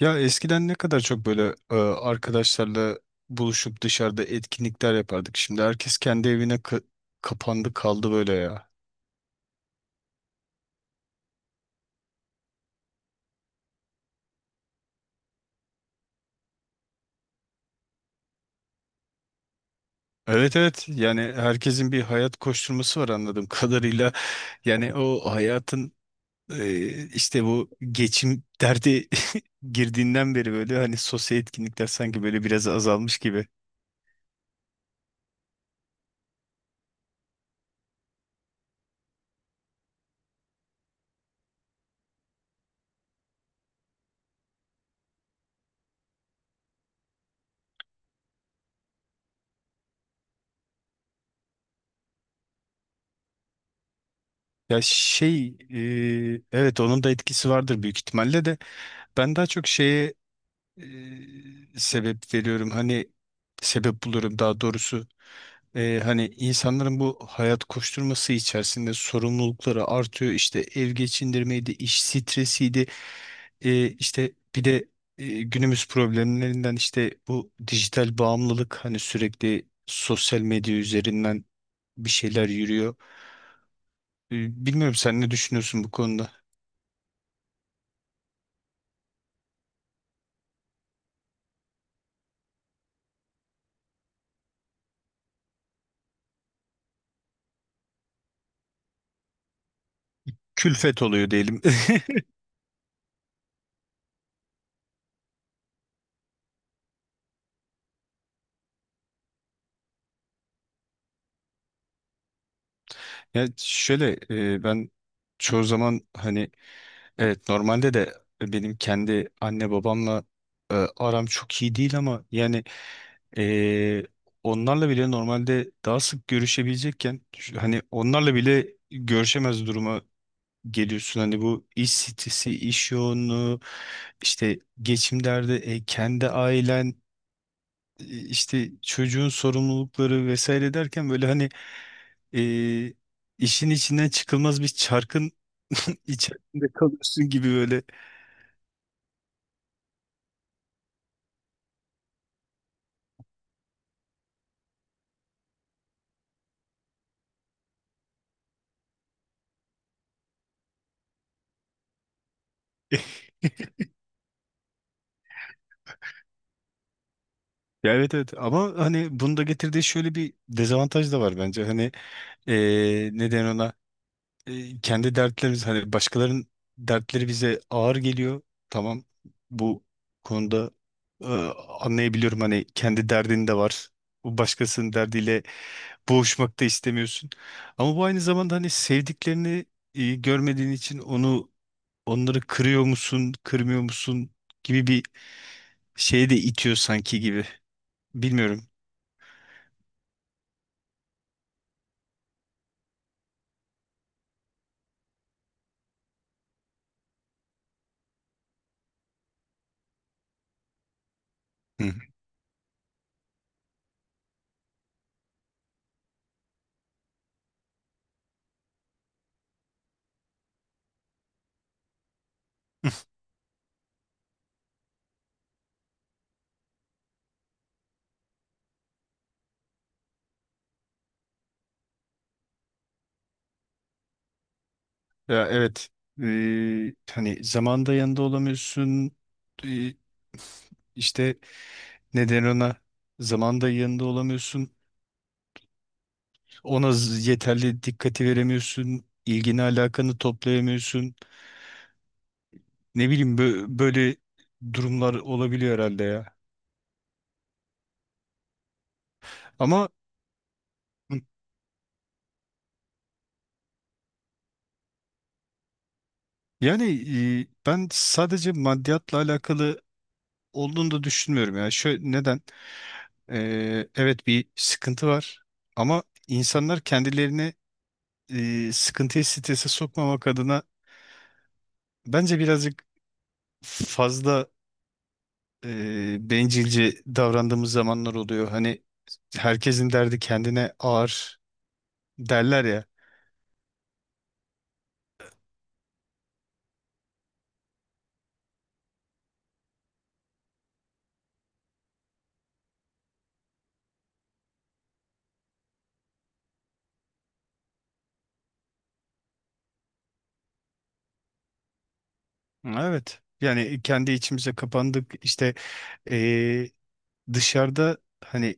Ya eskiden ne kadar çok böyle arkadaşlarla buluşup dışarıda etkinlikler yapardık. Şimdi herkes kendi evine kapandı kaldı böyle ya. Evet, evet, yani herkesin bir hayat koşturması var anladığım kadarıyla. Yani o hayatın, işte bu geçim derdi girdiğinden beri böyle hani sosyal etkinlikler sanki böyle biraz azalmış gibi. Ya şey, evet onun da etkisi vardır büyük ihtimalle de ben daha çok şeye sebep veriyorum. Hani sebep buluyorum daha doğrusu. Hani insanların bu hayat koşturması içerisinde sorumlulukları artıyor. İşte ev geçindirmeydi, iş stresiydi. E, işte bir de günümüz problemlerinden işte bu dijital bağımlılık, hani sürekli sosyal medya üzerinden bir şeyler yürüyor. Bilmiyorum sen ne düşünüyorsun bu konuda? Külfet oluyor diyelim. Ya şöyle, ben çoğu zaman hani... Evet, normalde de benim kendi anne babamla aram çok iyi değil ama yani, e, onlarla bile normalde daha sık görüşebilecekken, hani onlarla bile görüşemez duruma geliyorsun. Hani bu iş stresi, iş yoğunluğu, işte geçim derdi, kendi ailen, işte çocuğun sorumlulukları vesaire derken böyle hani e, işin içinden çıkılmaz bir çarkın içerisinde kalıyorsun gibi böyle. Ya, evet, evet, ama hani bunu da getirdiği şöyle bir dezavantaj da var bence. Hani neden ona. Kendi dertlerimiz, hani başkalarının dertleri bize ağır geliyor. Tamam, bu konuda, eee, anlayabiliyorum, hani kendi derdin de var. Bu başkasının derdiyle boğuşmak da istemiyorsun. Ama bu aynı zamanda hani sevdiklerini görmediğin için onları kırıyor musun, kırmıyor musun gibi bir şeye de itiyor sanki gibi. Bilmiyorum. Ya, evet. Hani zamanda yanında olamıyorsun. Ee, işte neden ona zamanda yanında olamıyorsun. Ona yeterli dikkati veremiyorsun. İlgini alakanı toplayamıyorsun. Ne bileyim böyle durumlar olabiliyor herhalde ya. Ama hı, yani, ben sadece maddiyatla alakalı olduğunu da düşünmüyorum ya. Şöyle neden? Evet, bir sıkıntı var ama insanlar kendilerine, sıkıntıyı strese sokmamak adına, bence birazcık fazla bencilce davrandığımız zamanlar oluyor. Hani herkesin derdi kendine ağır derler ya. Evet. Yani kendi içimize kapandık. İşte e, dışarıda, hani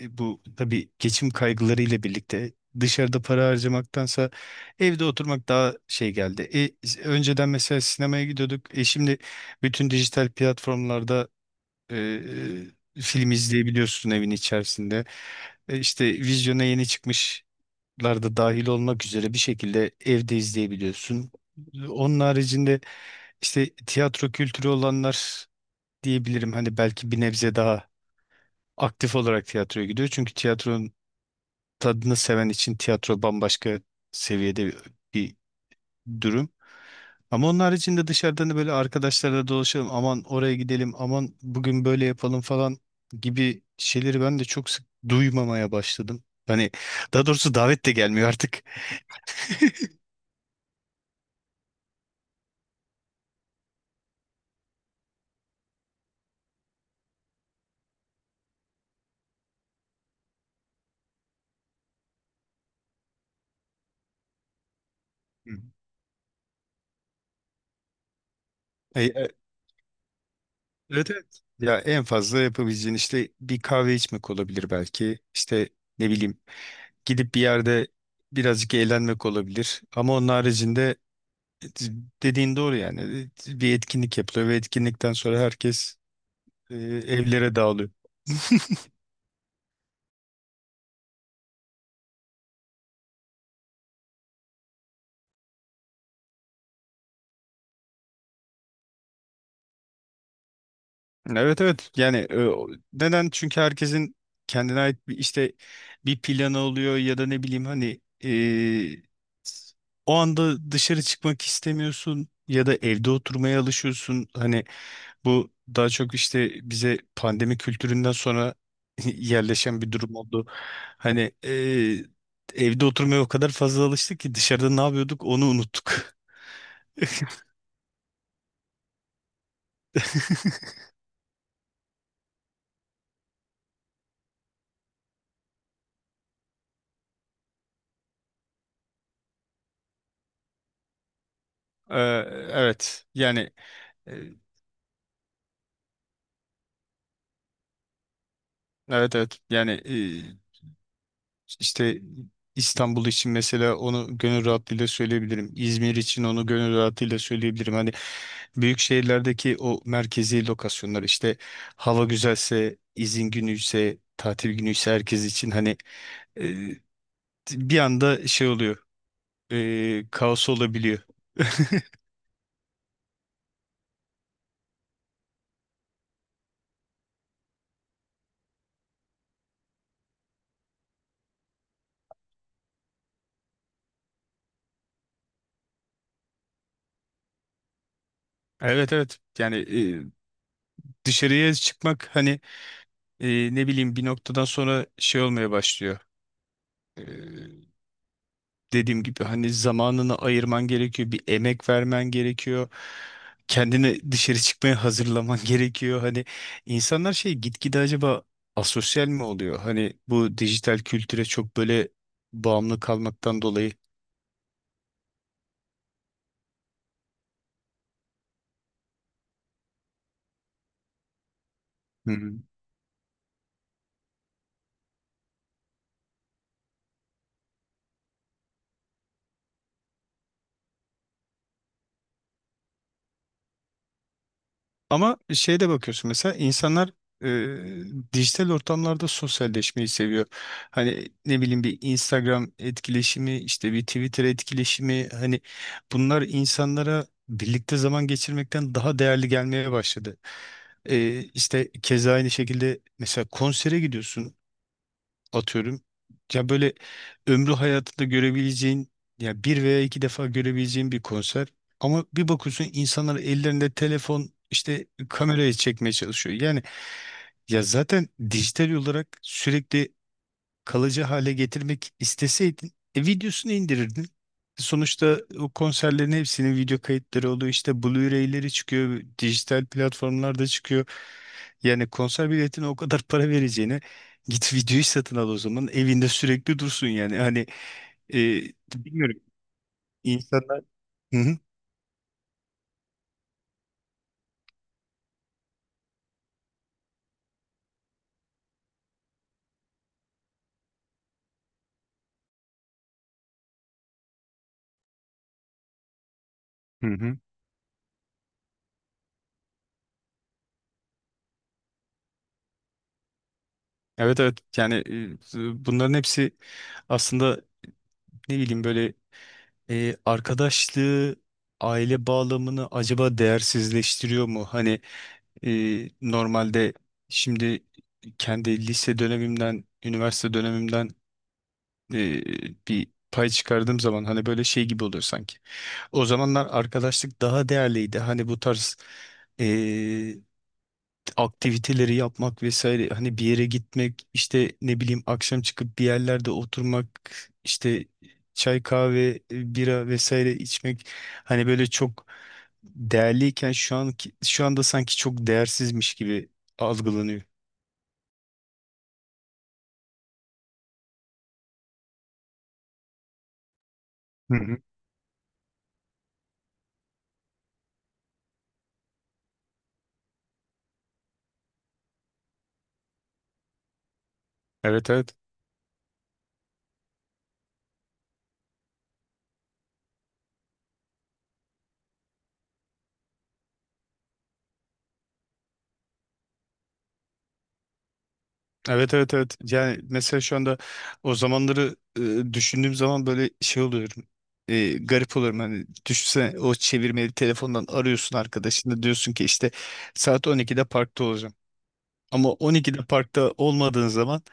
bu tabii geçim kaygılarıyla birlikte dışarıda para harcamaktansa evde oturmak daha şey geldi. Önceden mesela sinemaya gidiyorduk. Şimdi bütün dijital platformlarda, Ee, film izleyebiliyorsun evin içerisinde. E, işte vizyona yeni çıkmışlar da dahil olmak üzere bir şekilde evde izleyebiliyorsun. Onun haricinde işte tiyatro kültürü olanlar diyebilirim. Hani belki bir nebze daha aktif olarak tiyatroya gidiyor. Çünkü tiyatronun tadını seven için tiyatro bambaşka seviyede bir durum. Ama onun haricinde, dışarıdan da böyle arkadaşlarla dolaşalım, aman oraya gidelim, aman bugün böyle yapalım falan gibi şeyleri ben de çok sık duymamaya başladım. Hani daha doğrusu davet de gelmiyor artık. Hı. E, e, Evet, evet. Ya en fazla yapabileceğin işte bir kahve içmek olabilir belki. İşte, ne bileyim, gidip bir yerde birazcık eğlenmek olabilir. Ama onun haricinde dediğin doğru yani. Bir etkinlik yapılıyor ve etkinlikten sonra herkes evlere dağılıyor. Evet, evet, yani, neden, çünkü herkesin kendine ait bir, işte bir planı oluyor ya da ne bileyim hani, o anda dışarı çıkmak istemiyorsun ya da evde oturmaya alışıyorsun. Hani bu daha çok işte bize pandemi kültüründen sonra yerleşen bir durum oldu. Hani evde oturmaya o kadar fazla alıştık ki dışarıda ne yapıyorduk onu unuttuk. Ee, evet. Yani, e, evet, evet, yani, İşte İstanbul için mesela onu gönül rahatlığıyla söyleyebilirim. İzmir için onu gönül rahatlığıyla söyleyebilirim. Hani büyük şehirlerdeki o merkezi lokasyonlar, işte hava güzelse, izin günüyse, tatil günüyse, herkes için hani e, bir anda şey oluyor. Kaos olabiliyor. Evet, evet, yani dışarıya çıkmak, hani ne bileyim, bir noktadan sonra şey olmaya başlıyor. E, dediğim gibi hani zamanını ayırman gerekiyor, bir emek vermen gerekiyor. Kendini dışarı çıkmaya hazırlaman gerekiyor. Hani insanlar şey, gitgide acaba asosyal mi oluyor? Hani bu dijital kültüre çok böyle bağımlı kalmaktan dolayı. Ama şeye de bakıyorsun, mesela insanlar dijital ortamlarda sosyalleşmeyi seviyor. Hani ne bileyim, bir Instagram etkileşimi, işte bir Twitter etkileşimi, hani bunlar insanlara birlikte zaman geçirmekten daha değerli gelmeye başladı. E, işte keza aynı şekilde, mesela konsere gidiyorsun, atıyorum. Ya böyle, ömrü hayatında görebileceğin, ya bir veya iki defa görebileceğin bir konser. Ama bir bakıyorsun insanlar ellerinde telefon işte kameraya çekmeye çalışıyor. Yani ya zaten dijital olarak sürekli kalıcı hale getirmek isteseydin, videosunu indirirdin. Sonuçta o konserlerin hepsinin video kayıtları oluyor. İşte Blu-ray'leri çıkıyor, dijital platformlarda çıkıyor. Yani konser biletine o kadar para vereceğine git videoyu satın al o zaman. Evinde sürekli dursun yani. Hani e, bilmiyorum, insanlar... Hı hı. Hı hı. Evet, evet, yani bunların hepsi aslında, ne bileyim, böyle... Arkadaşlığı, aile bağlamını acaba değersizleştiriyor mu? Hani e, normalde, şimdi, kendi lise dönemimden, üniversite dönemimden e, bir pay çıkardığım zaman hani böyle şey gibi oluyor sanki. O zamanlar arkadaşlık daha değerliydi. Hani bu tarz e, aktiviteleri yapmak vesaire, hani bir yere gitmek, işte ne bileyim, akşam çıkıp bir yerlerde oturmak, işte çay, kahve, bira vesaire içmek, hani böyle çok değerliyken, şu anda sanki çok değersizmiş gibi algılanıyor. Hı hı. Evet, evet. Evet, evet, evet. Yani mesela şu anda o zamanları düşündüğüm zaman böyle şey oluyorum. Garip oluyorum. Hani düşünsene, o çevirmeli telefondan arıyorsun arkadaşını, diyorsun ki işte saat 12'de parkta olacağım. Ama 12'de parkta olmadığın zaman,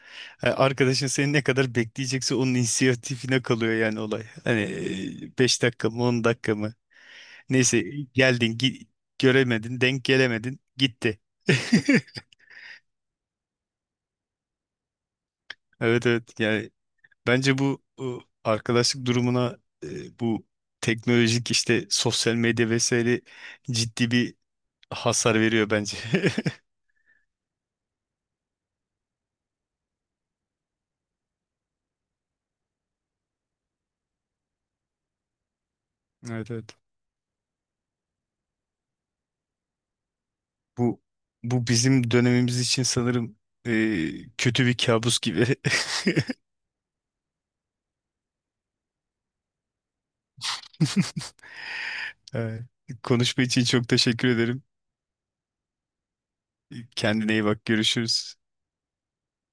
arkadaşın seni ne kadar bekleyecekse onun inisiyatifine kalıyor yani olay. Hani 5 dakika mı, 10 dakika mı, neyse, geldin, göremedin, denk gelemedin, gitti. Evet, evet, yani, bence bu arkadaşlık durumuna bu teknolojik işte sosyal medya vesaire ciddi bir hasar veriyor bence. Evet, evet. Bu bu bizim dönemimiz için sanırım kötü bir kabus gibi. Evet. Konuşma için çok teşekkür ederim. Kendine iyi bak, görüşürüz.